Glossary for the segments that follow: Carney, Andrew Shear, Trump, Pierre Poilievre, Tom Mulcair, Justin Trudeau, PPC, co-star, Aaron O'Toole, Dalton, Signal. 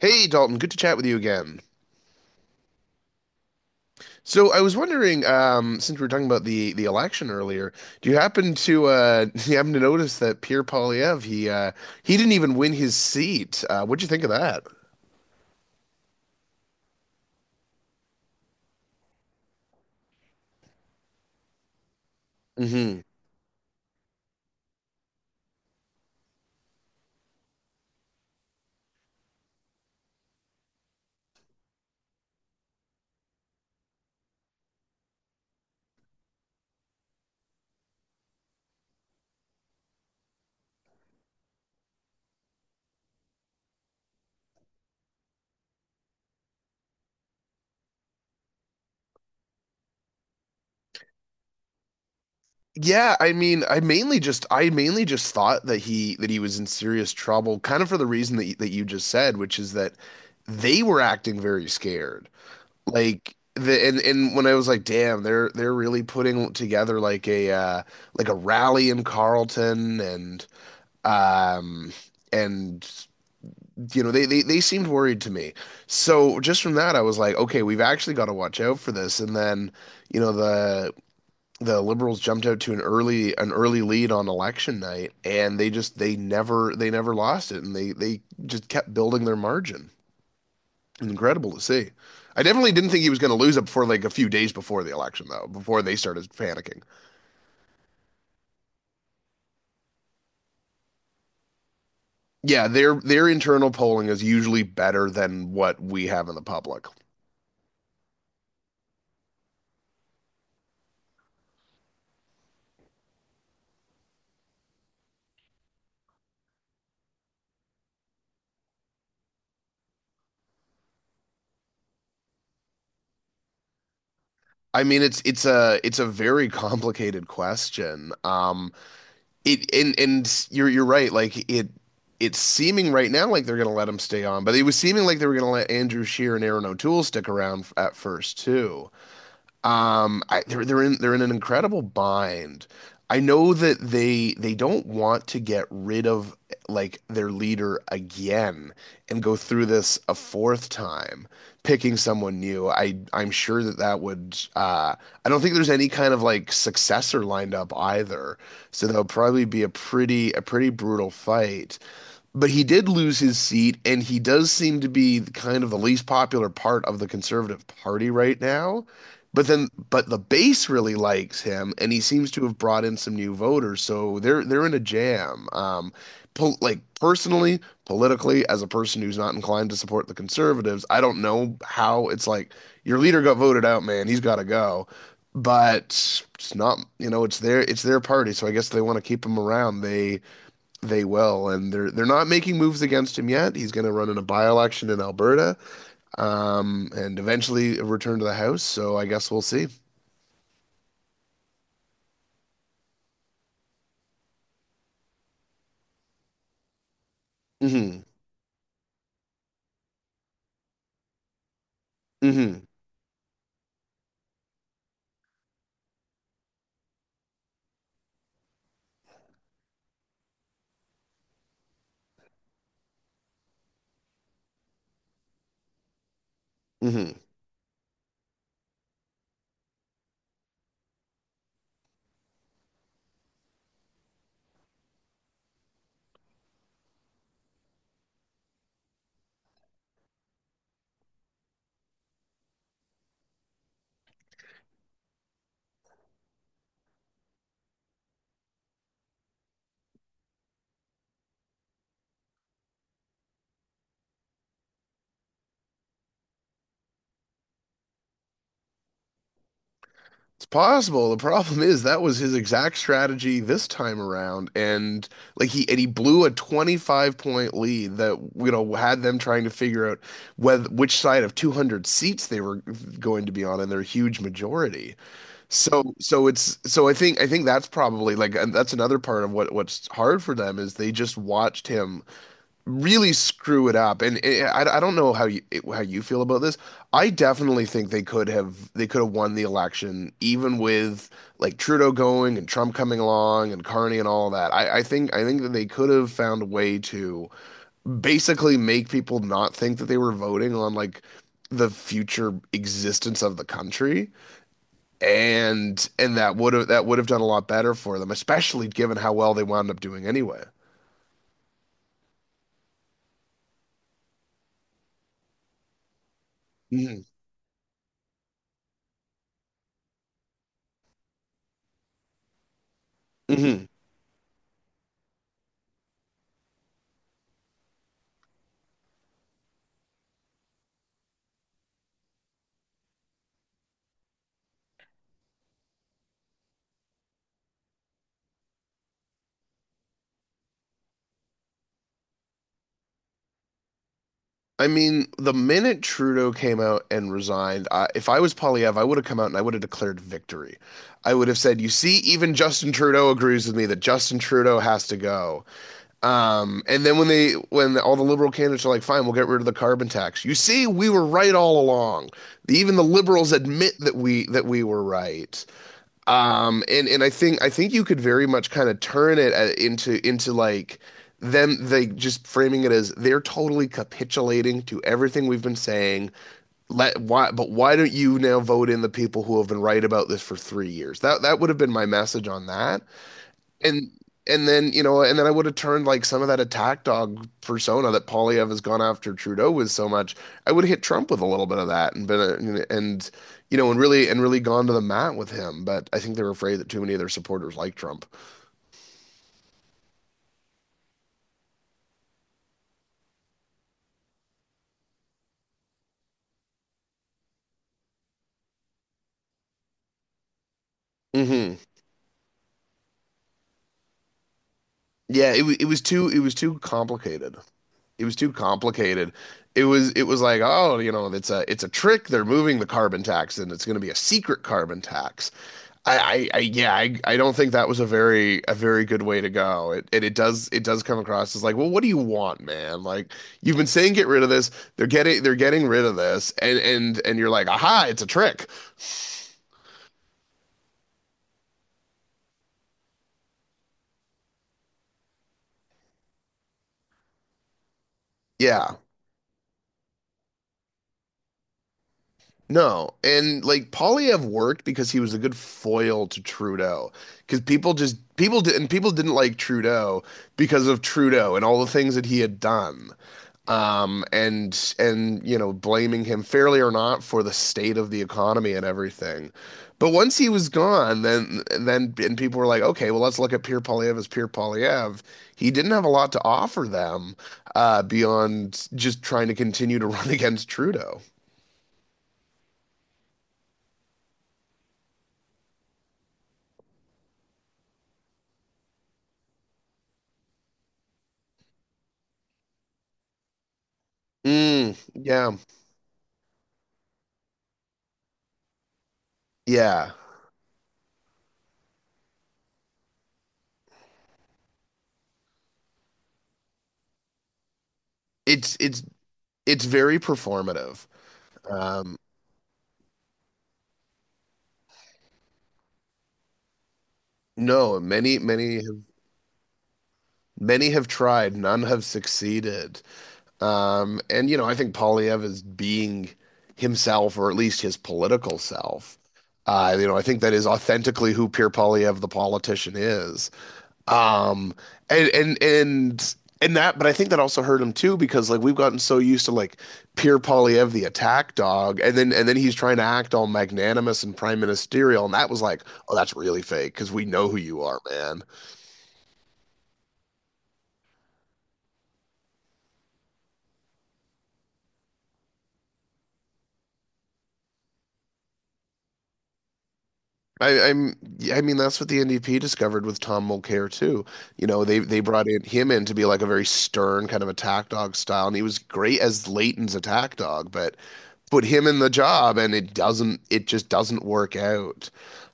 Hey Dalton, good to chat with you again. So I was wondering, since we were talking about the election earlier, do you happen to do you happen to notice that Pierre Poilievre he didn't even win his seat? What'd you think of that? Hmm. Yeah, I mean, I mainly just thought that he was in serious trouble, kind of for the reason that you just said, which is that they were acting very scared. Like the and when I was like, damn, they're really putting together like a rally in Carlton and um and you know they seemed worried to me. So just from that I was like, okay, we've actually got to watch out for this. And then, you know, the Liberals jumped out to an early lead on election night, and they just they never lost it, and they just kept building their margin. Incredible to see. I definitely didn't think he was going to lose it before like a few days before the election, though, before they started panicking. Yeah, their internal polling is usually better than what we have in the public. I mean, it's a very complicated question. It and You're right. Like it's seeming right now like they're going to let him stay on, but it was seeming like they were going to let Andrew Shear and Aaron O'Toole stick around at first too. I, they're in an incredible bind. I know that they don't want to get rid of like their leader again and go through this a fourth time, picking someone new. I'm sure that that would I don't think there's any kind of like successor lined up either. So that'll probably be a pretty brutal fight. But he did lose his seat, and he does seem to be kind of the least popular part of the Conservative Party right now. But the base really likes him, and he seems to have brought in some new voters. So they're in a jam. Pol like Personally, politically, as a person who's not inclined to support the Conservatives, I don't know how it's like your leader got voted out, man. He's got to go. But it's not, you know, it's their party, so I guess they want to keep him around. They will, and they're not making moves against him yet. He's going to run in a by-election in Alberta, and eventually return to the House. So I guess we'll see. Hmm. Hmm. Hmm. It's possible. The problem is that was his exact strategy this time around, and like he blew a 25 point lead that you know had them trying to figure out whether which side of 200 seats they were going to be on in their huge majority. So I think that's probably like, and that's another part of what what's hard for them is they just watched him really screw it up. And I don't know how you how you feel about this. I definitely think they could have won the election even with like Trudeau going and Trump coming along and Carney and all that. I think that they could have found a way to basically make people not think that they were voting on like the future existence of the country, and that would have done a lot better for them, especially given how well they wound up doing anyway. Hmm. Hmm. I mean, the minute Trudeau came out and resigned, if I was Polyev, I would have come out and I would have declared victory. I would have said, "You see, even Justin Trudeau agrees with me that Justin Trudeau has to go." And then when all the liberal candidates are like, "Fine, we'll get rid of the carbon tax," you see, we were right all along. Even the liberals admit that we were right. And I think you could very much kind of turn it into like them they just framing it as they're totally capitulating to everything we've been saying. Let why but Why don't you now vote in the people who have been right about this for 3 years? That would have been my message on that. And and then you know, and then I would have turned like some of that attack dog persona that Polyev has gone after Trudeau with so much. I would have hit Trump with a little bit of that and been a, and you know, and really gone to the mat with him. But I think they are afraid that too many of their supporters like Trump. Hmm. Yeah, it was too it was too complicated. It was too complicated. It was like, oh, you know, it's a trick, they're moving the carbon tax and it's going to be a secret carbon tax. I don't think that was a very good way to go. It does come across as like, well, what do you want, man? Like you've been saying get rid of this. They're getting rid of this, and you're like, aha, it's a trick. Yeah, no, and like Polyev worked because he was a good foil to Trudeau, because people just people did and people didn't like Trudeau because of Trudeau and all the things that he had done. And you know, blaming him fairly or not for the state of the economy and everything. But once he was gone, then and people were like, okay, well let's look at Pierre Polyev as Pierre Polyev. He didn't have a lot to offer them beyond just trying to continue to run against Trudeau. Mm, yeah, yeah. It's it's very performative. Um, no, many have tried, none have succeeded. And you know, I think Polyev is being himself, or at least his political self. You know, I think that is authentically who Pierre Polyev, the politician, is. Um, and and and but I think that also hurt him too, because like we've gotten so used to like Pierre Polyev, the attack dog, and then he's trying to act all magnanimous and prime ministerial, and that was like, oh, that's really fake because we know who you are, man. Yeah, I mean, that's what the NDP discovered with Tom Mulcair too. You know, they brought in him in to be like a very stern kind of attack dog style, and he was great as Leighton's attack dog, but put him in the job, and it just doesn't work out.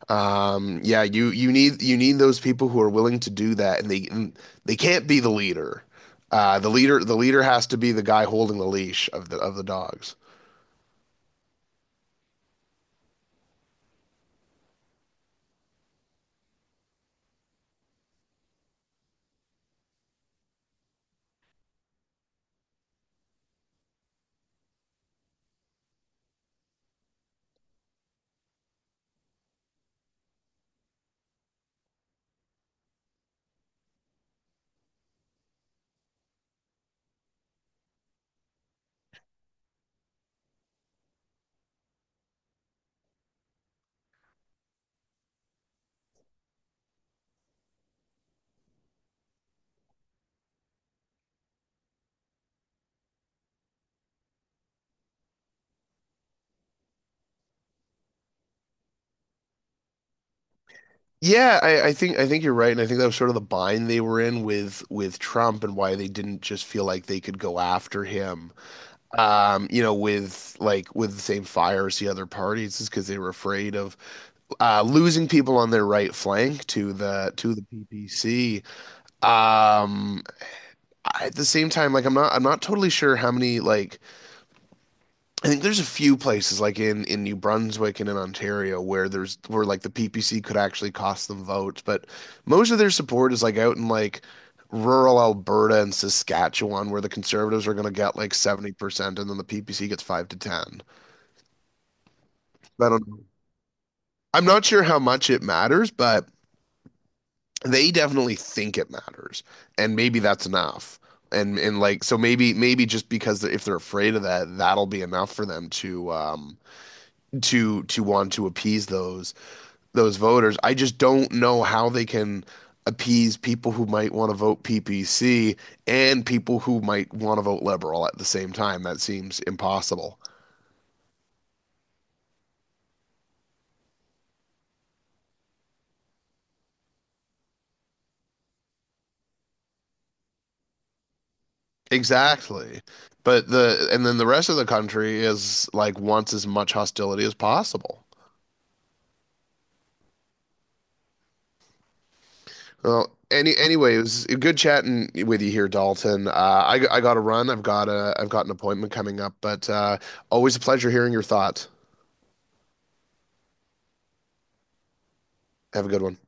Yeah, you need those people who are willing to do that, and they can't be the leader. The leader has to be the guy holding the leash of the dogs. Yeah, I think you're right, and I think that was sort of the bind they were in with Trump, and why they didn't just feel like they could go after him. You know, with like with the same fire as the other parties, is because they were afraid of losing people on their right flank to the PPC. Um, at the same time, like I'm not totally sure how many like I think there's a few places like in New Brunswick and in Ontario where there's where like the PPC could actually cost them votes, but most of their support is like out in like rural Alberta and Saskatchewan, where the Conservatives are going to get like 70% and then the PPC gets 5 to 10. I don't know. I'm not sure how much it matters, but they definitely think it matters. And maybe that's enough. And like so maybe just because they're, if they're afraid of that, that'll be enough for them to to want to appease those voters. I just don't know how they can appease people who might want to vote PPC and people who might want to vote liberal at the same time. That seems impossible. Exactly. But then the rest of the country is like wants as much hostility as possible. Well, anyway, it was good chatting with you here, Dalton. I got to run. I've got an appointment coming up, but always a pleasure hearing your thoughts. Have a good one.